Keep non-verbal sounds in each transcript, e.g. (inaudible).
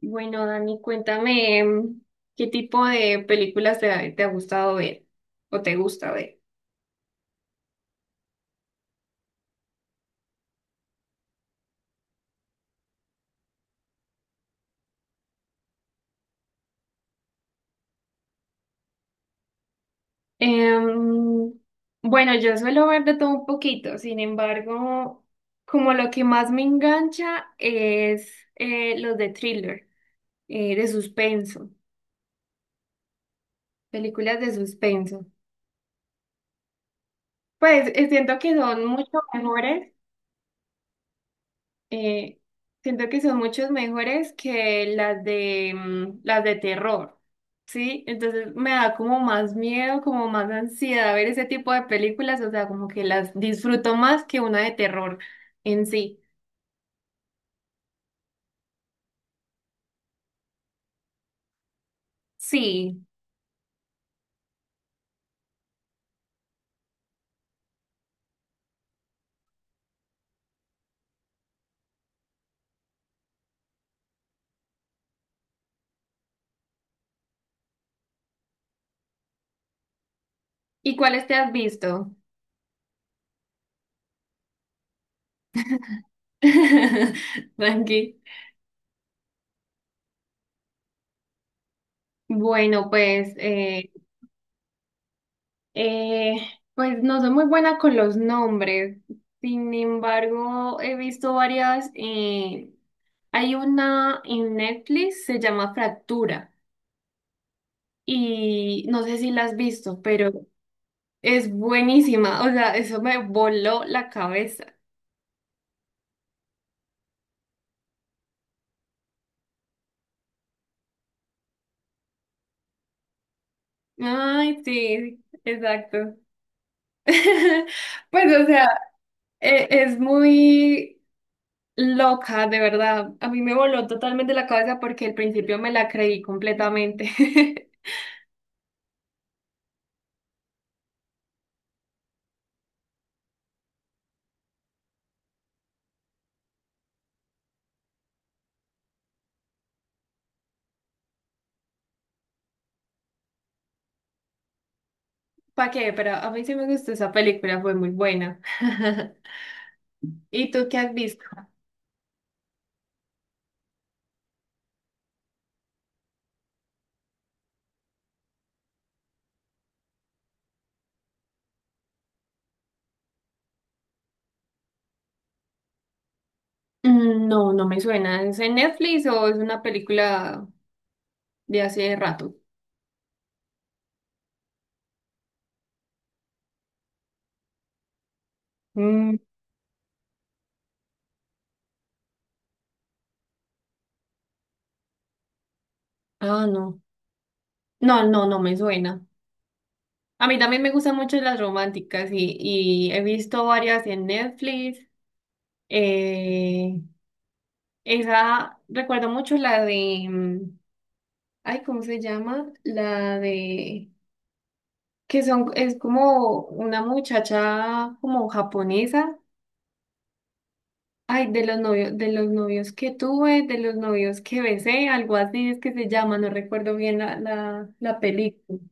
Bueno, Dani, cuéntame qué tipo de películas te ha gustado ver o te gusta ver. Em, bueno, yo suelo ver de todo un poquito, sin embargo, como lo que más me engancha es los de thriller, de suspenso, películas de suspenso. Pues siento que son mucho mejores. Eh, Siento que son muchos mejores que las de las de terror, ¿sí? Entonces me da como más miedo, como más ansiedad ver ese tipo de películas, o sea, como que las disfruto más que una de terror en sí. Sí. ¿Y cuáles te has visto? (laughs) Tranqui. Bueno, pues Eh, pues no soy muy buena con los nombres. Sin embargo, he visto varias. Hay una en Netflix, se llama Fractura. Y no sé si la has visto, pero es buenísima. O sea, eso me voló la cabeza. Ay, sí, exacto. (laughs) Pues, o sea, es muy loca, de verdad. A mí me voló totalmente la cabeza porque al principio me la creí completamente. (laughs) ¿Para qué? Pero a mí sí me gustó esa película, fue muy buena. ¿Y tú qué has visto? Mm, no, no me suena. ¿Es en Netflix o es una película de hace rato? Mm, ah, no. No, no, no me suena. A mí también me gustan mucho las románticas y he visto varias en Netflix. Eh, Esa, recuerdo mucho la de, ay, ¿cómo se llama? La de, que son, es como una muchacha como japonesa. Ay, de los novios que tuve, de los novios que besé, algo así es que se llama, no recuerdo bien la película. (laughs)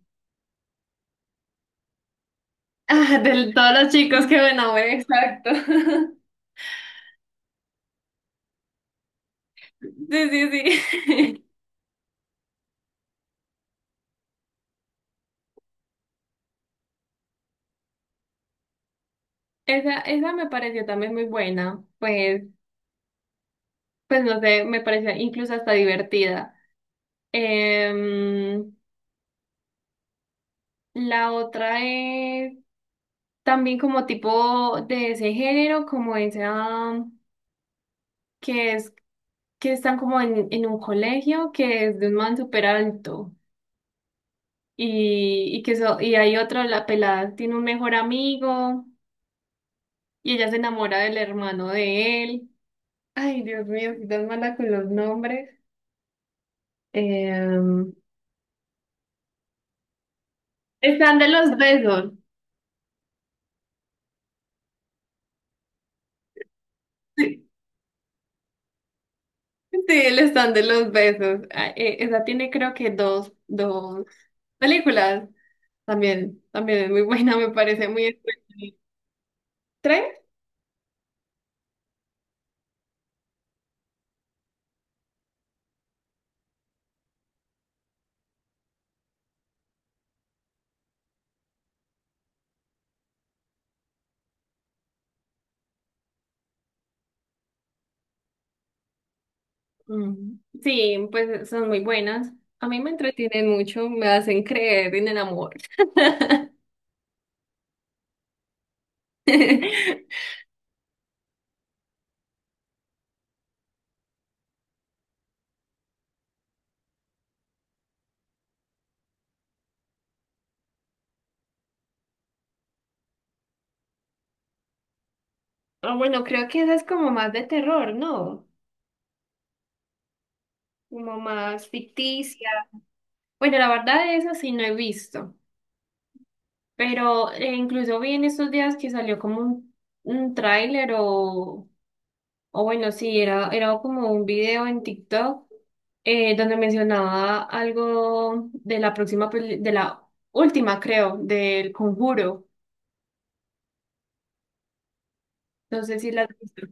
Ah, de todos los chicos que me enamoré, exacto. (laughs) Sí, sí, sí. (laughs) Esa me pareció también muy buena. Pues, pues no sé, me parecía incluso hasta divertida. Em, la otra es también como tipo de ese género, como esa que es que están como en un colegio que es de un man súper alto y que y hay otro, la pelada tiene un mejor amigo y ella se enamora del hermano de él. Ay, Dios mío, soy tan mala con los nombres. Em, Están de los besos. (laughs) Sí, el están de los besos. Ah, esa tiene creo que dos, dos películas. También, también es muy buena, me parece muy entretenida. ¿Tres? Mm, sí, pues son muy buenas. A mí me entretienen mucho, me hacen creer en el amor. (laughs) Ah, bueno, creo que esa es como más de terror, ¿no? Como más ficticia. Bueno, la verdad esa sí no he visto, pero incluso vi en estos días que salió como un tráiler o bueno, sí, era, era como un video en TikTok donde mencionaba algo de la próxima, de la última, creo, del Conjuro. No sé si la has visto.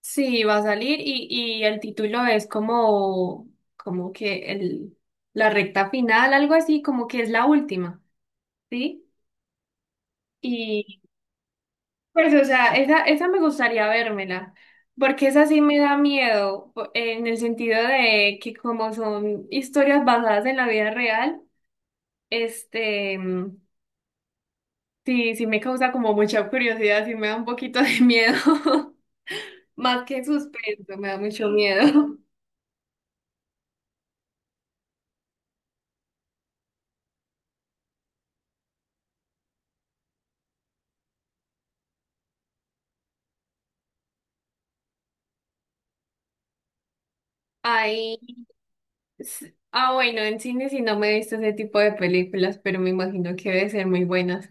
Sí, va a salir y el título es como, como que el, la recta final, algo así, como que es la última, ¿sí? Y pues, o sea, esa me gustaría vérmela, porque esa sí me da miedo, en el sentido de que como son historias basadas en la vida real, este, mm, sí, sí me causa como mucha curiosidad, sí me da un poquito de miedo, (laughs) más que suspenso, me da mucho miedo. (laughs) Hay ah, bueno, en cine sí no me he visto ese tipo de películas, pero me imagino que debe ser muy buenas.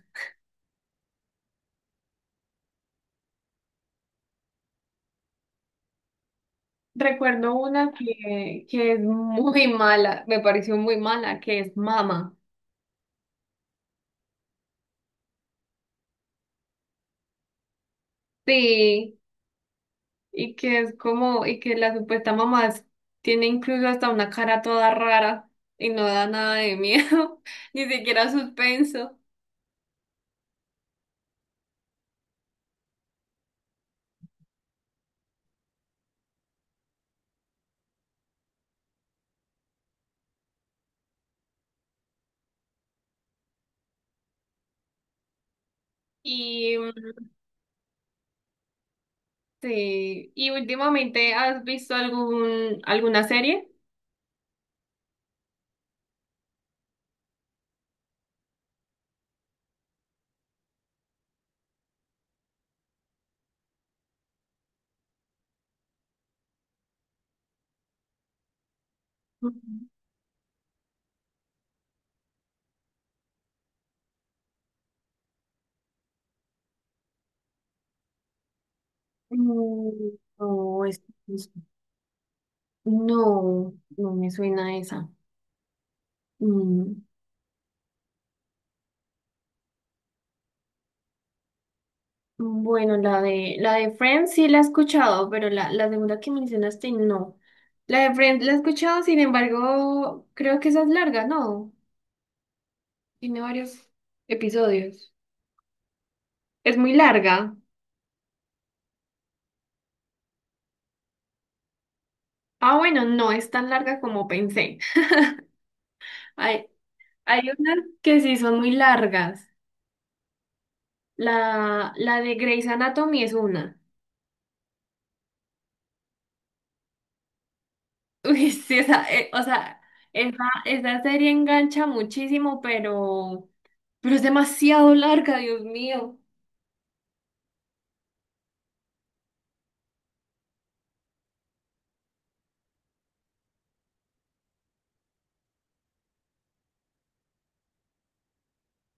Recuerdo una que es muy mala, me pareció muy mala, que es Mama. Sí, y que es como, y que la supuesta mamá tiene incluso hasta una cara toda rara y no da nada de miedo, (laughs) ni siquiera suspenso. Y sí, y últimamente, ¿has visto algún, alguna serie? Ujú. Mm, No, es- No, no me suena esa. Mm, Bueno, la de Friends sí la he escuchado, pero la segunda que mencionaste no. La de Friends la he escuchado, sin embargo, creo que esa es larga, ¿no? Tiene varios episodios. Es muy larga. Ah, bueno, no es tan larga como pensé. (laughs) Hay, hay unas que sí son muy largas. La de Grey's Anatomy es una. Uy, sí, o sea, esa, esa serie engancha muchísimo, pero es demasiado larga, Dios mío.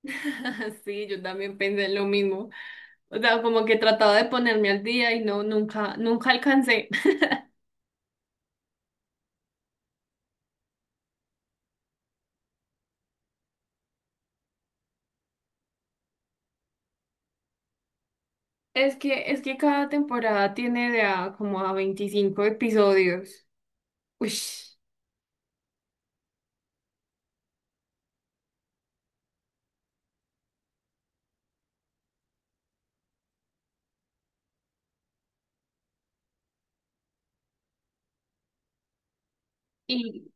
(laughs) Sí, yo también pensé lo mismo. O sea, como que trataba de ponerme al día y no, nunca, nunca alcancé. (laughs) Es que cada temporada tiene de a, como a 25 episodios. Uy, y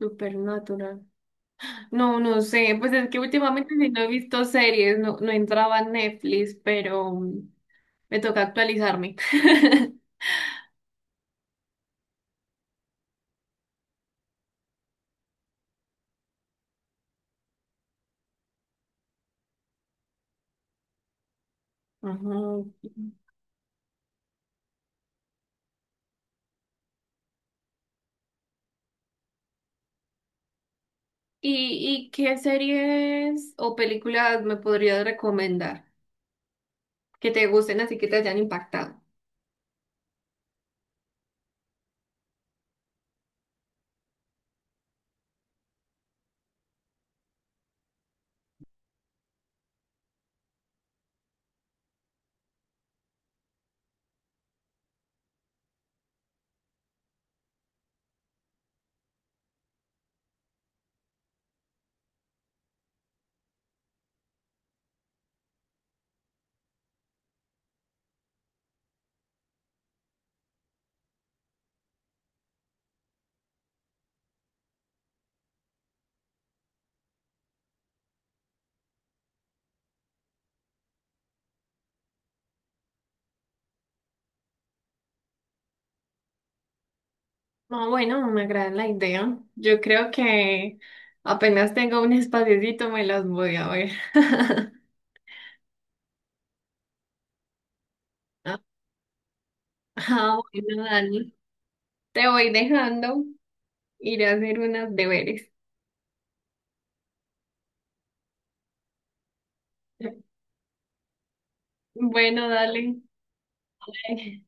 Supernatural. No, no sé, pues es que últimamente si no he visto series, no, no entraba en Netflix, pero me toca actualizarme. (laughs) Ajá. Y qué series o películas me podrías recomendar que te gusten así que te hayan impactado? No, bueno, me agrada la idea. Yo creo que apenas tengo un espaciocito me las voy a ver. (laughs) Ah, bueno, Dani, te voy dejando, iré a hacer unos deberes. Bueno, dale. (laughs)